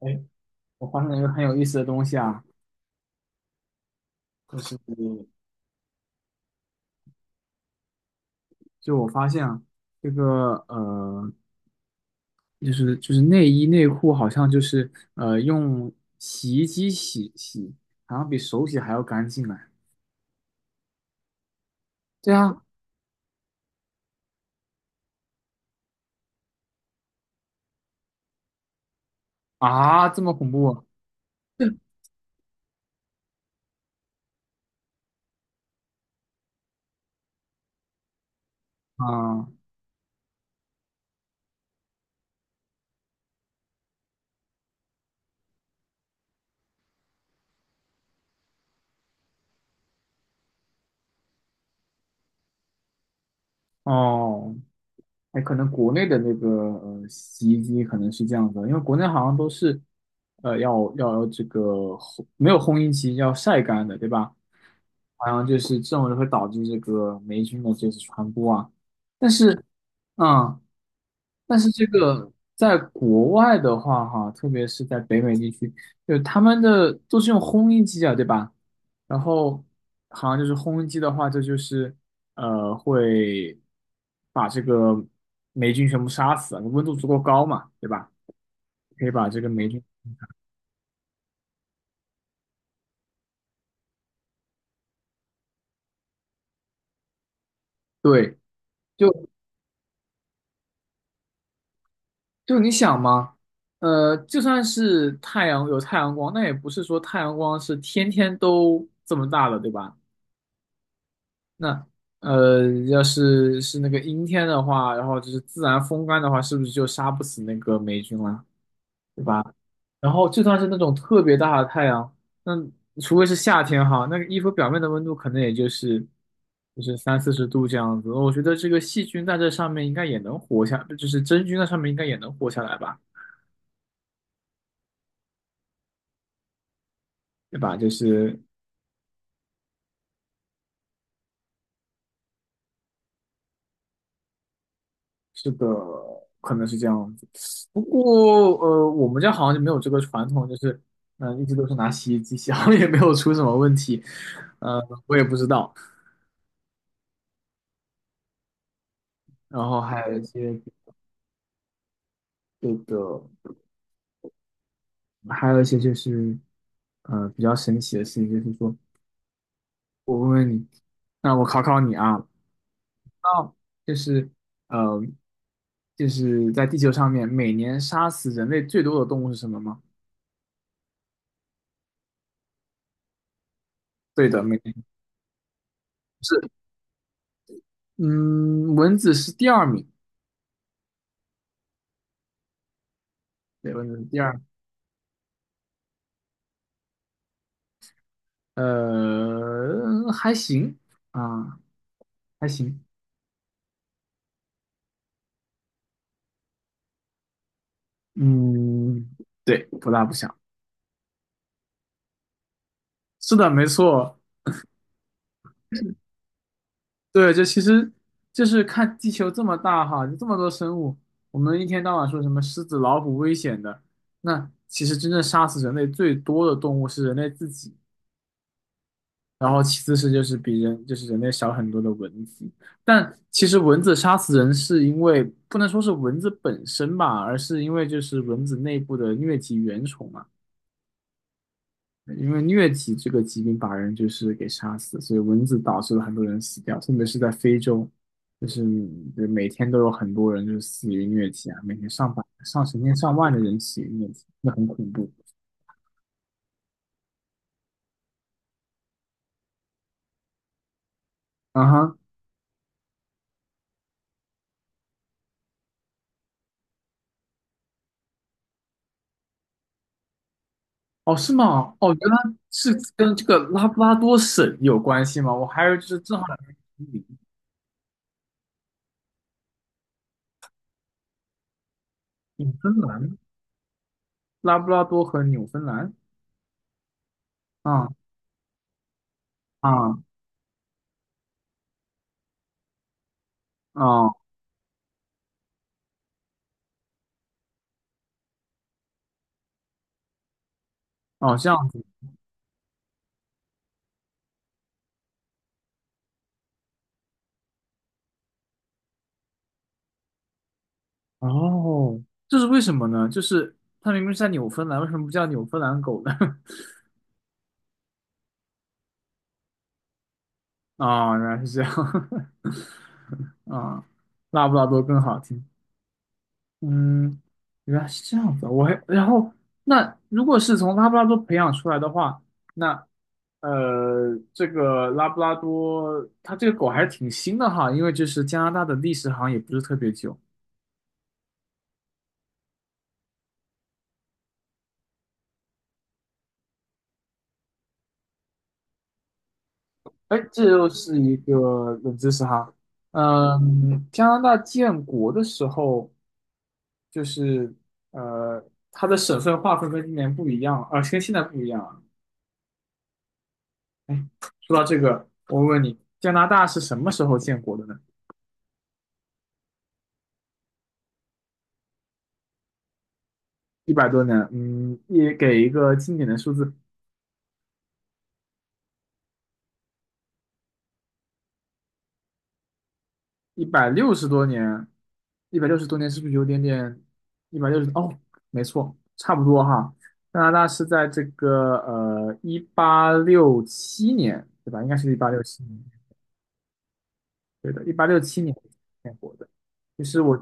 哎，我发现了一个很有意思的东西啊，就是就我发现啊，这个就是内衣内裤好像就是用洗衣机洗洗，好像比手洗还要干净哎。对啊。啊，这么恐怖啊！啊，哦。哎，可能国内的那个洗衣机可能是这样的，因为国内好像都是，要这个没有烘衣机，要晒干的，对吧？好像就是这种就会导致这个霉菌的这次传播啊。但是，嗯，但是这个在国外的话，哈，特别是在北美地区，就他们的都是用烘衣机啊，对吧？然后好像就是烘衣机的话，这就是会把这个霉菌全部杀死，温度足够高嘛，对吧？可以把这个霉菌，对，就就你想嘛，就算是太阳有太阳光，那也不是说太阳光是天天都这么大的，对吧？那呃，要是那个阴天的话，然后就是自然风干的话，是不是就杀不死那个霉菌了？对吧？然后就算是那种特别大的太阳，那除非是夏天哈，那个衣服表面的温度可能也就是三四十度这样子。我觉得这个细菌在这上面应该也能活下，就是真菌在上面应该也能活下来吧，对吧？就是这个可能是这样子。不过我们家好像就没有这个传统，就是一直都是拿洗衣机洗，好像也没有出什么问题。呃，我也不知道。然后还有一些这个。还有一些就是，比较神奇的事情，就是说我问问你，那我考考你啊。那就是呃，就是在地球上面每年杀死人类最多的动物是什么吗？对的，每年。是。嗯，蚊子是第二名。对，蚊子是第二。还行啊，还行。嗯，对，不大不小。是的，没错。对，就其实就是看地球这么大哈，就这么多生物，我们一天到晚说什么狮子、老虎危险的，那其实真正杀死人类最多的动物是人类自己，然后其次是就是比人就是人类少很多的蚊子。但其实蚊子杀死人是因为不能说是蚊子本身吧，而是因为就是蚊子内部的疟疾原虫嘛。因为疟疾这个疾病把人就是给杀死，所以蚊子导致了很多人死掉，特别是在非洲，就是每天都有很多人就是死于疟疾啊，每天上成千上万的人死于疟疾，那很恐怖。啊哈。哦，是吗？哦，原来是跟这个拉布拉多省有关系吗？我还有就是正好纽芬兰，拉布拉多和纽芬兰。啊啊啊哦，这样子。哦，这是为什么呢？就是它明明是在纽芬兰，为什么不叫纽芬兰狗呢？啊、原来是这样。啊、拉布拉多更好听。嗯，原来是这样子啊。然后那如果是从拉布拉多培养出来的话，那这个拉布拉多它这个狗还是挺新的哈，因为就是加拿大的历史好像也不是特别久。哎，这又是一个冷知识哈。嗯，加拿大建国的时候。就是呃，它的省份划分跟今年不一样，跟现在不一样了。哎，说到这个，我问你，加拿大是什么时候建国的呢？100多年，嗯，也给一个经典的数字。一百六十多年，一百六十多年是不是有点点？一百六十，哦，没错，差不多哈。加拿大是在这个一八六七年，对吧？应该是一八六七年，对的，一八六七年建国的。就是我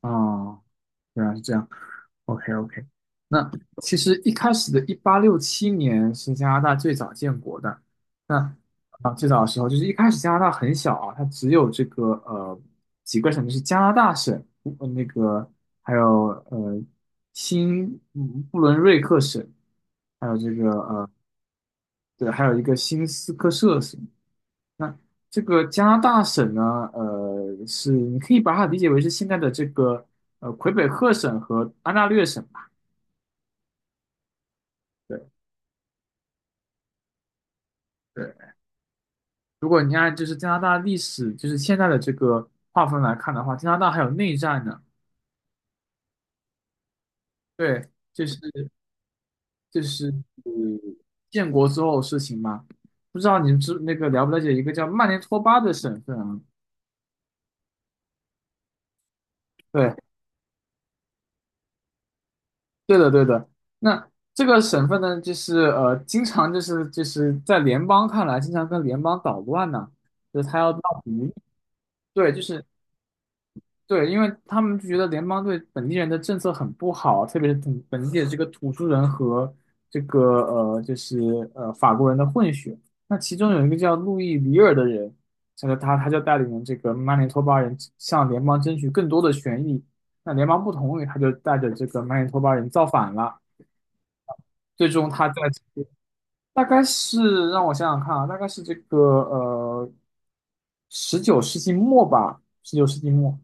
啊，原来是这样。OK OK,那其实一开始的一八六七年是加拿大最早建国的。那最早的时候就是一开始加拿大很小啊，它只有这个几个省，就是加拿大省，那个还有新布伦瑞克省，还有这个对，还有一个新斯科舍省。那这个加拿大省呢，是你可以把它理解为是现在的这个魁北克省和安大略省吧。对对。如果你按就是加拿大历史，就是现在的这个划分来看的话，加拿大还有内战呢。对，就是建国之后的事情嘛。不知道你们知那个了不了解一个叫曼尼托巴的省份啊？对，对的，对的。那这个省份呢，就是经常就是在联邦看来，经常跟联邦捣乱呢，就是他要闹独立。对，对，因为他们就觉得联邦对本地人的政策很不好，特别是本地的这个土著人和这个就是法国人的混血。那其中有一个叫路易里尔的人，这个他就带领这个曼尼托巴人向联邦争取更多的权益。那联邦不同意，他就带着这个曼尼托巴人造反了。最终他在大概是让我想想看啊，大概是这个十九世纪末吧，十九世纪末。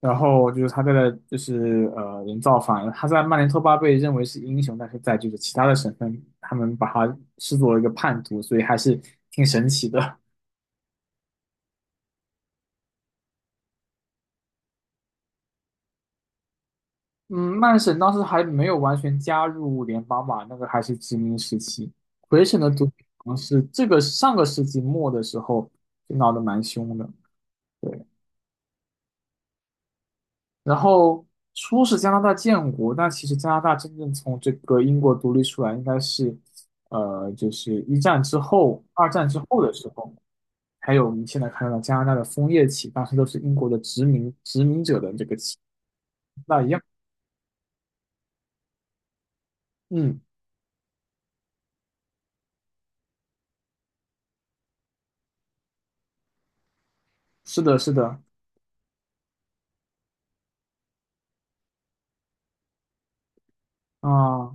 然后就是他在的就是人造反，他在曼联托巴被认为是英雄，但是在就是其他的省份，他们把他视作一个叛徒，所以还是挺神奇的。嗯，曼省当时还没有完全加入联邦吧，那个还是殖民时期。魁省的独立好像是这个上个世纪末的时候就闹得蛮凶的。对，然后是加拿大建国，但其实加拿大真正从这个英国独立出来，应该是，就是一战之后、二战之后的时候，还有我们现在看到的加拿大的枫叶旗，当时都是英国的殖民者的这个旗，那一样。嗯，是的，是的。啊、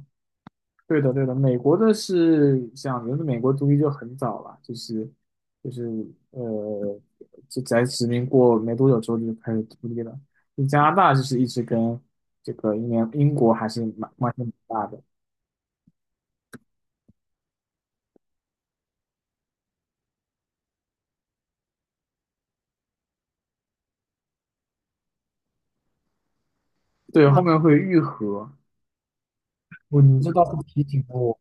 对的，对的，美国的是像因为美国独立就很早了，就是呃，就在殖民过没多久之后就开始独立了。加拿大就是一直跟这个英国还是关系蛮大的。对，后面会愈合。你这倒是提醒了我。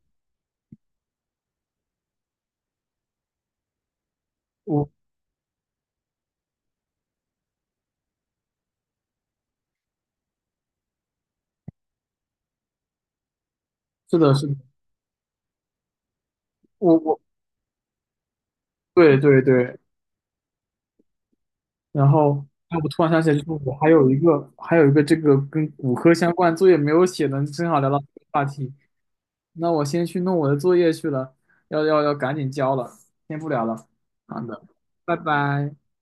我是的，是的。我对对对，然后哎我突然想起来，就是我还有一个这个跟骨科相关作业没有写呢，正好聊到这个话题。那我先去弄我的作业去了，要赶紧交了，先不聊了。好的，拜拜。